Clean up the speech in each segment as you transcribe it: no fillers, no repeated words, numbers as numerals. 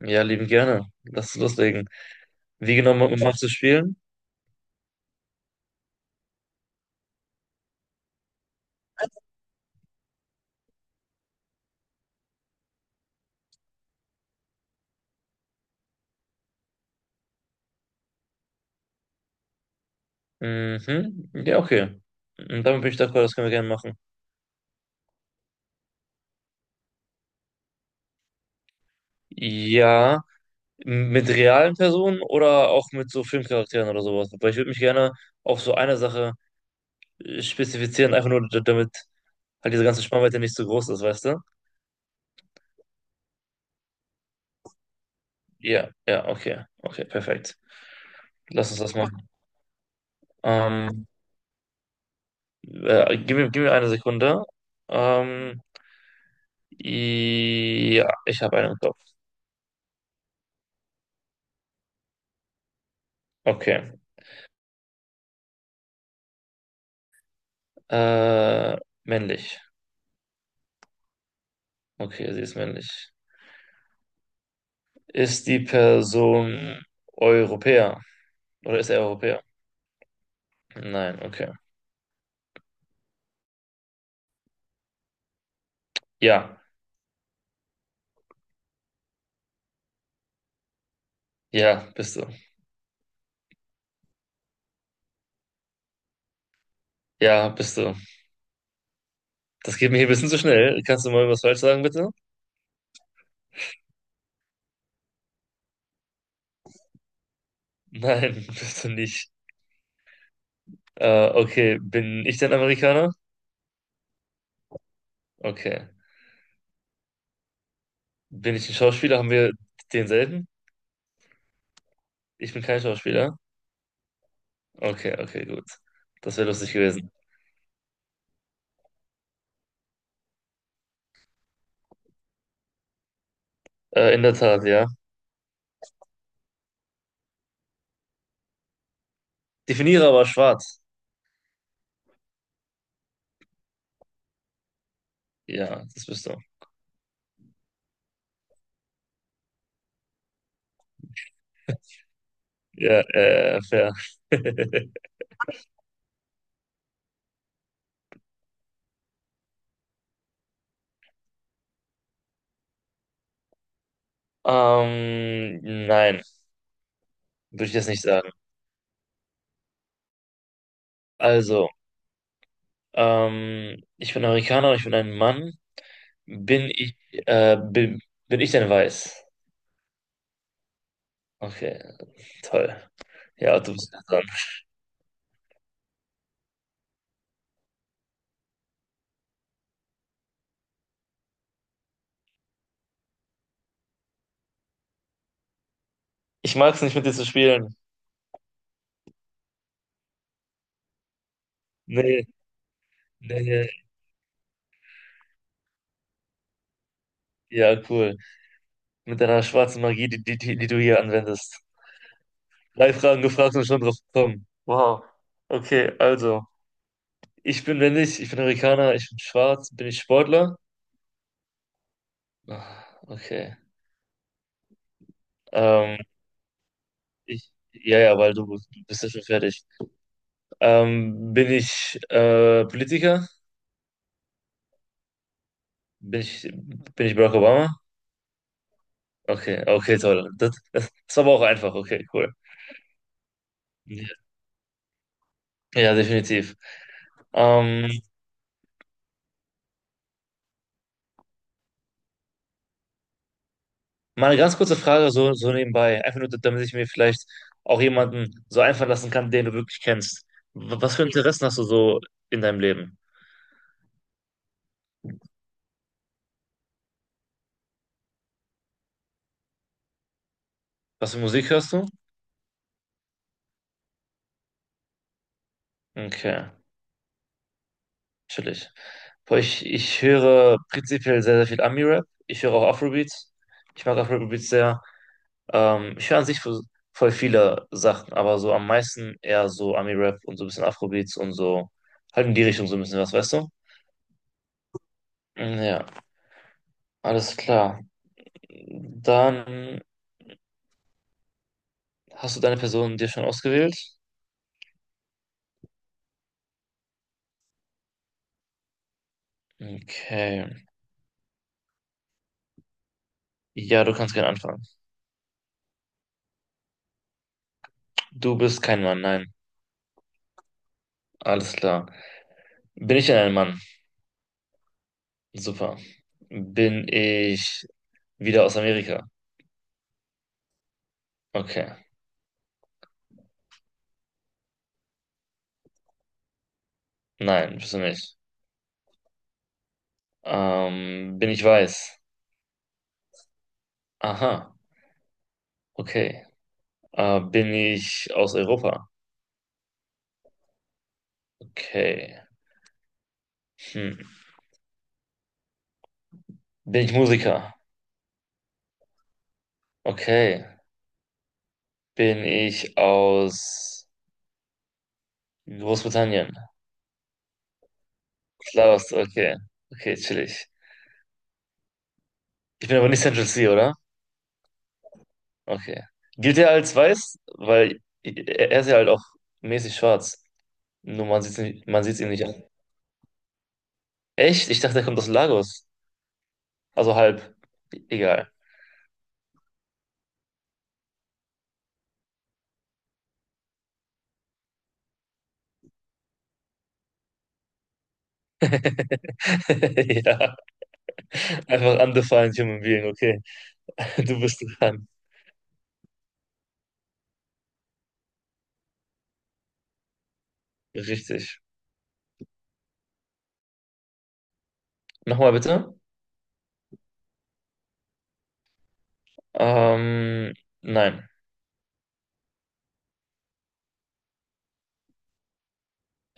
Ja, lieben gerne. Lass es loslegen. Wie genau magst du spielen? Mhm. Ja, okay. Und damit bin ich d'accord, das können wir gerne machen. Ja, mit realen Personen oder auch mit so Filmcharakteren oder sowas. Aber ich würde mich gerne auf so eine Sache spezifizieren, einfach nur damit halt diese ganze Spannweite nicht so groß ist, weißt du? Ja, ja, okay. Okay, perfekt. Lass uns das machen. Ähm, gib mir eine Sekunde. Ähm, ja, ich habe einen im Kopf. Okay. Äh, männlich. Okay, sie ist männlich. Ist die Person Europäer? Oder ist er Europäer? Nein, okay. Ja, ja, bist du. Ja, bist du. Das geht mir hier ein bisschen zu schnell. Kannst du mal was falsch sagen, bitte? Nein, bist du nicht. Okay, bin ich denn Amerikaner? Okay. Bin ich ein Schauspieler? Haben wir denselben? Ich bin kein Schauspieler. Okay, okay, gut. Das wäre lustig gewesen. In der Tat, ja. Definiere aber schwarz. Ja, das bist du. Ja, fair. Ähm, nein, würde ich das nicht sagen. Also, ich bin Amerikaner und ich bin ein Mann. Bin ich, äh, bin, bin ich denn weiß? Okay, toll. Ja, du bist ja dran. Ich mag es nicht, mit dir zu spielen. Nee, nee, ja, cool. Mit deiner schwarzen Magie, die du hier anwendest. 3 Fragen gefragt und schon drauf gekommen. Wow. Okay, also, ich bin männlich, ich bin Amerikaner, ich bin schwarz, bin ich Sportler? Ah, okay. Ähm, ja, ja, weil du bist ja schon fertig. Bin ich Politiker? Bin ich Barack Obama? Okay, okay, toll. Das war aber auch einfach. Okay, cool. Ja, ja, definitiv. Ähm, mal eine ganz kurze Frage so, so nebenbei, einfach nur, damit ich mir vielleicht auch jemanden so einfallen lassen kann, den du wirklich kennst. Was für Interessen hast du so in deinem Leben? Was für Musik hörst du? Okay. Natürlich. Boah, ich höre prinzipiell sehr, sehr viel Ami-Rap. Ich höre auch Afrobeats. Ich mag Afrobeats sehr. Ich höre an sich voll viele Sachen, aber so am meisten eher so Ami-Rap und so ein bisschen Afrobeats und so halt in die Richtung so ein bisschen was, weißt du? Mm, ja, alles klar. Dann hast du deine Person dir schon ausgewählt? Okay. Ja, du kannst gerne anfangen. Du bist kein Mann, nein. Alles klar. Bin ich denn ein Mann? Super. Bin ich wieder aus Amerika? Okay. Nein, bist du nicht. Bin ich weiß? Aha. Okay. Bin ich aus Europa? Okay. Hm. Bin ich Musiker? Okay. Bin ich aus Großbritannien? Klar, okay. Okay, chillig. Ich bin aber nicht Central C, oder? Okay. Gilt er als weiß? Weil er ist ja halt auch mäßig schwarz. Nur man sieht's nicht, man sieht's ihm nicht an. Echt? Ich dachte, er kommt aus Lagos. Also halb. Egal. Ja, einfach undefined human being, okay. Du bist dran. Richtig. Nochmal bitte. Ähm, nein.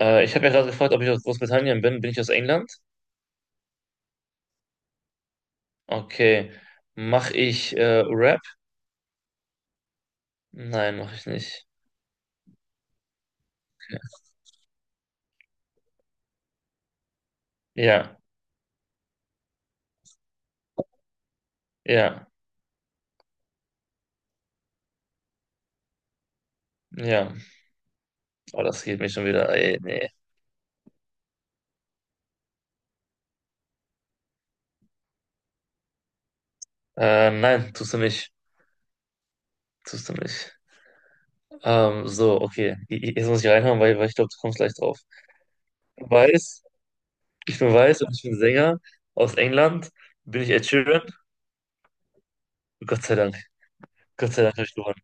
Ich habe ja gerade gefragt, ob ich aus Großbritannien bin. Bin ich aus England? Okay. Mache ich Rap? Nein, mache ich nicht. Ja, ja, ja. Oh, das geht mich schon wieder. Ey, nee. Nein, tust du nicht. Tust du nicht. So, okay. Jetzt muss ich reinhauen, weil ich glaube, du kommst gleich drauf. Weiß. Ich bin weiß und ich bin Sänger aus England. Bin ich Ed Sheeran? Gott sei Dank. Gott sei Dank habe ich gewonnen.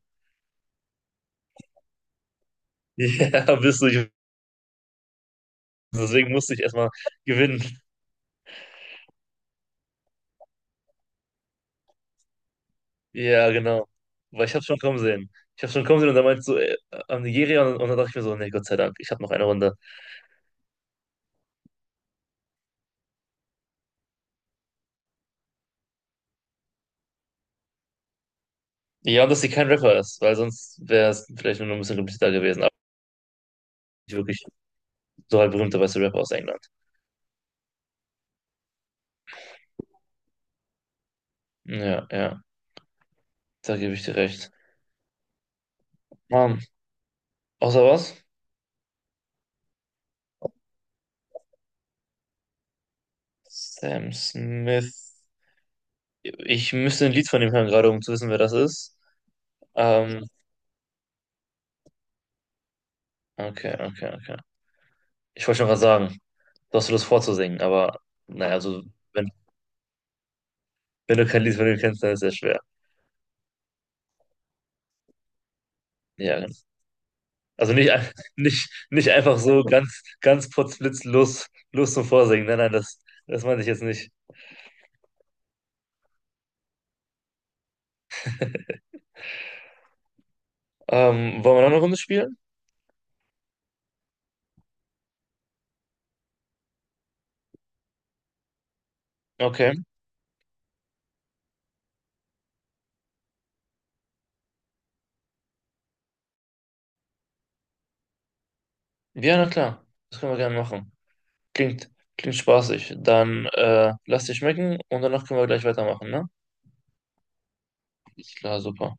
Ja, bist du. Ich, deswegen musste ich erstmal gewinnen. Ja, genau. Weil ich habe schon kommen sehen. Ich habe schon kommen sehen und dann meinst du am Nigeria und dann dachte ich mir so, nee, Gott sei Dank, ich habe noch eine Runde. Ja, und dass sie kein Rapper ist, weil sonst wäre es vielleicht nur noch ein bisschen komplizierter gewesen. Aber nicht wirklich so halt berühmter weißer Rapper aus England. Ja, ja, da gebe ich dir recht. Mann, außer was? Sam Smith. Ich müsste ein Lied von ihm hören, gerade um zu wissen, wer das ist. Ähm, okay, okay, okay. Ich wollte schon was sagen. Du hast Lust vorzusingen, aber naja, also wenn, wenn du kein Lied von ihm kennst, dann ist es sehr schwer. Ja, genau. Also nicht, nicht, nicht einfach so ganz, ganz potzblitz los, los zum Vorsingen. Nein, nein, das meinte ich jetzt nicht. Wollen wir noch eine Runde spielen? Okay. Ja, na klar. Das können wir gerne machen. Klingt, klingt spaßig. Dann lass dich schmecken und danach können wir gleich weitermachen, ne? Klar, super.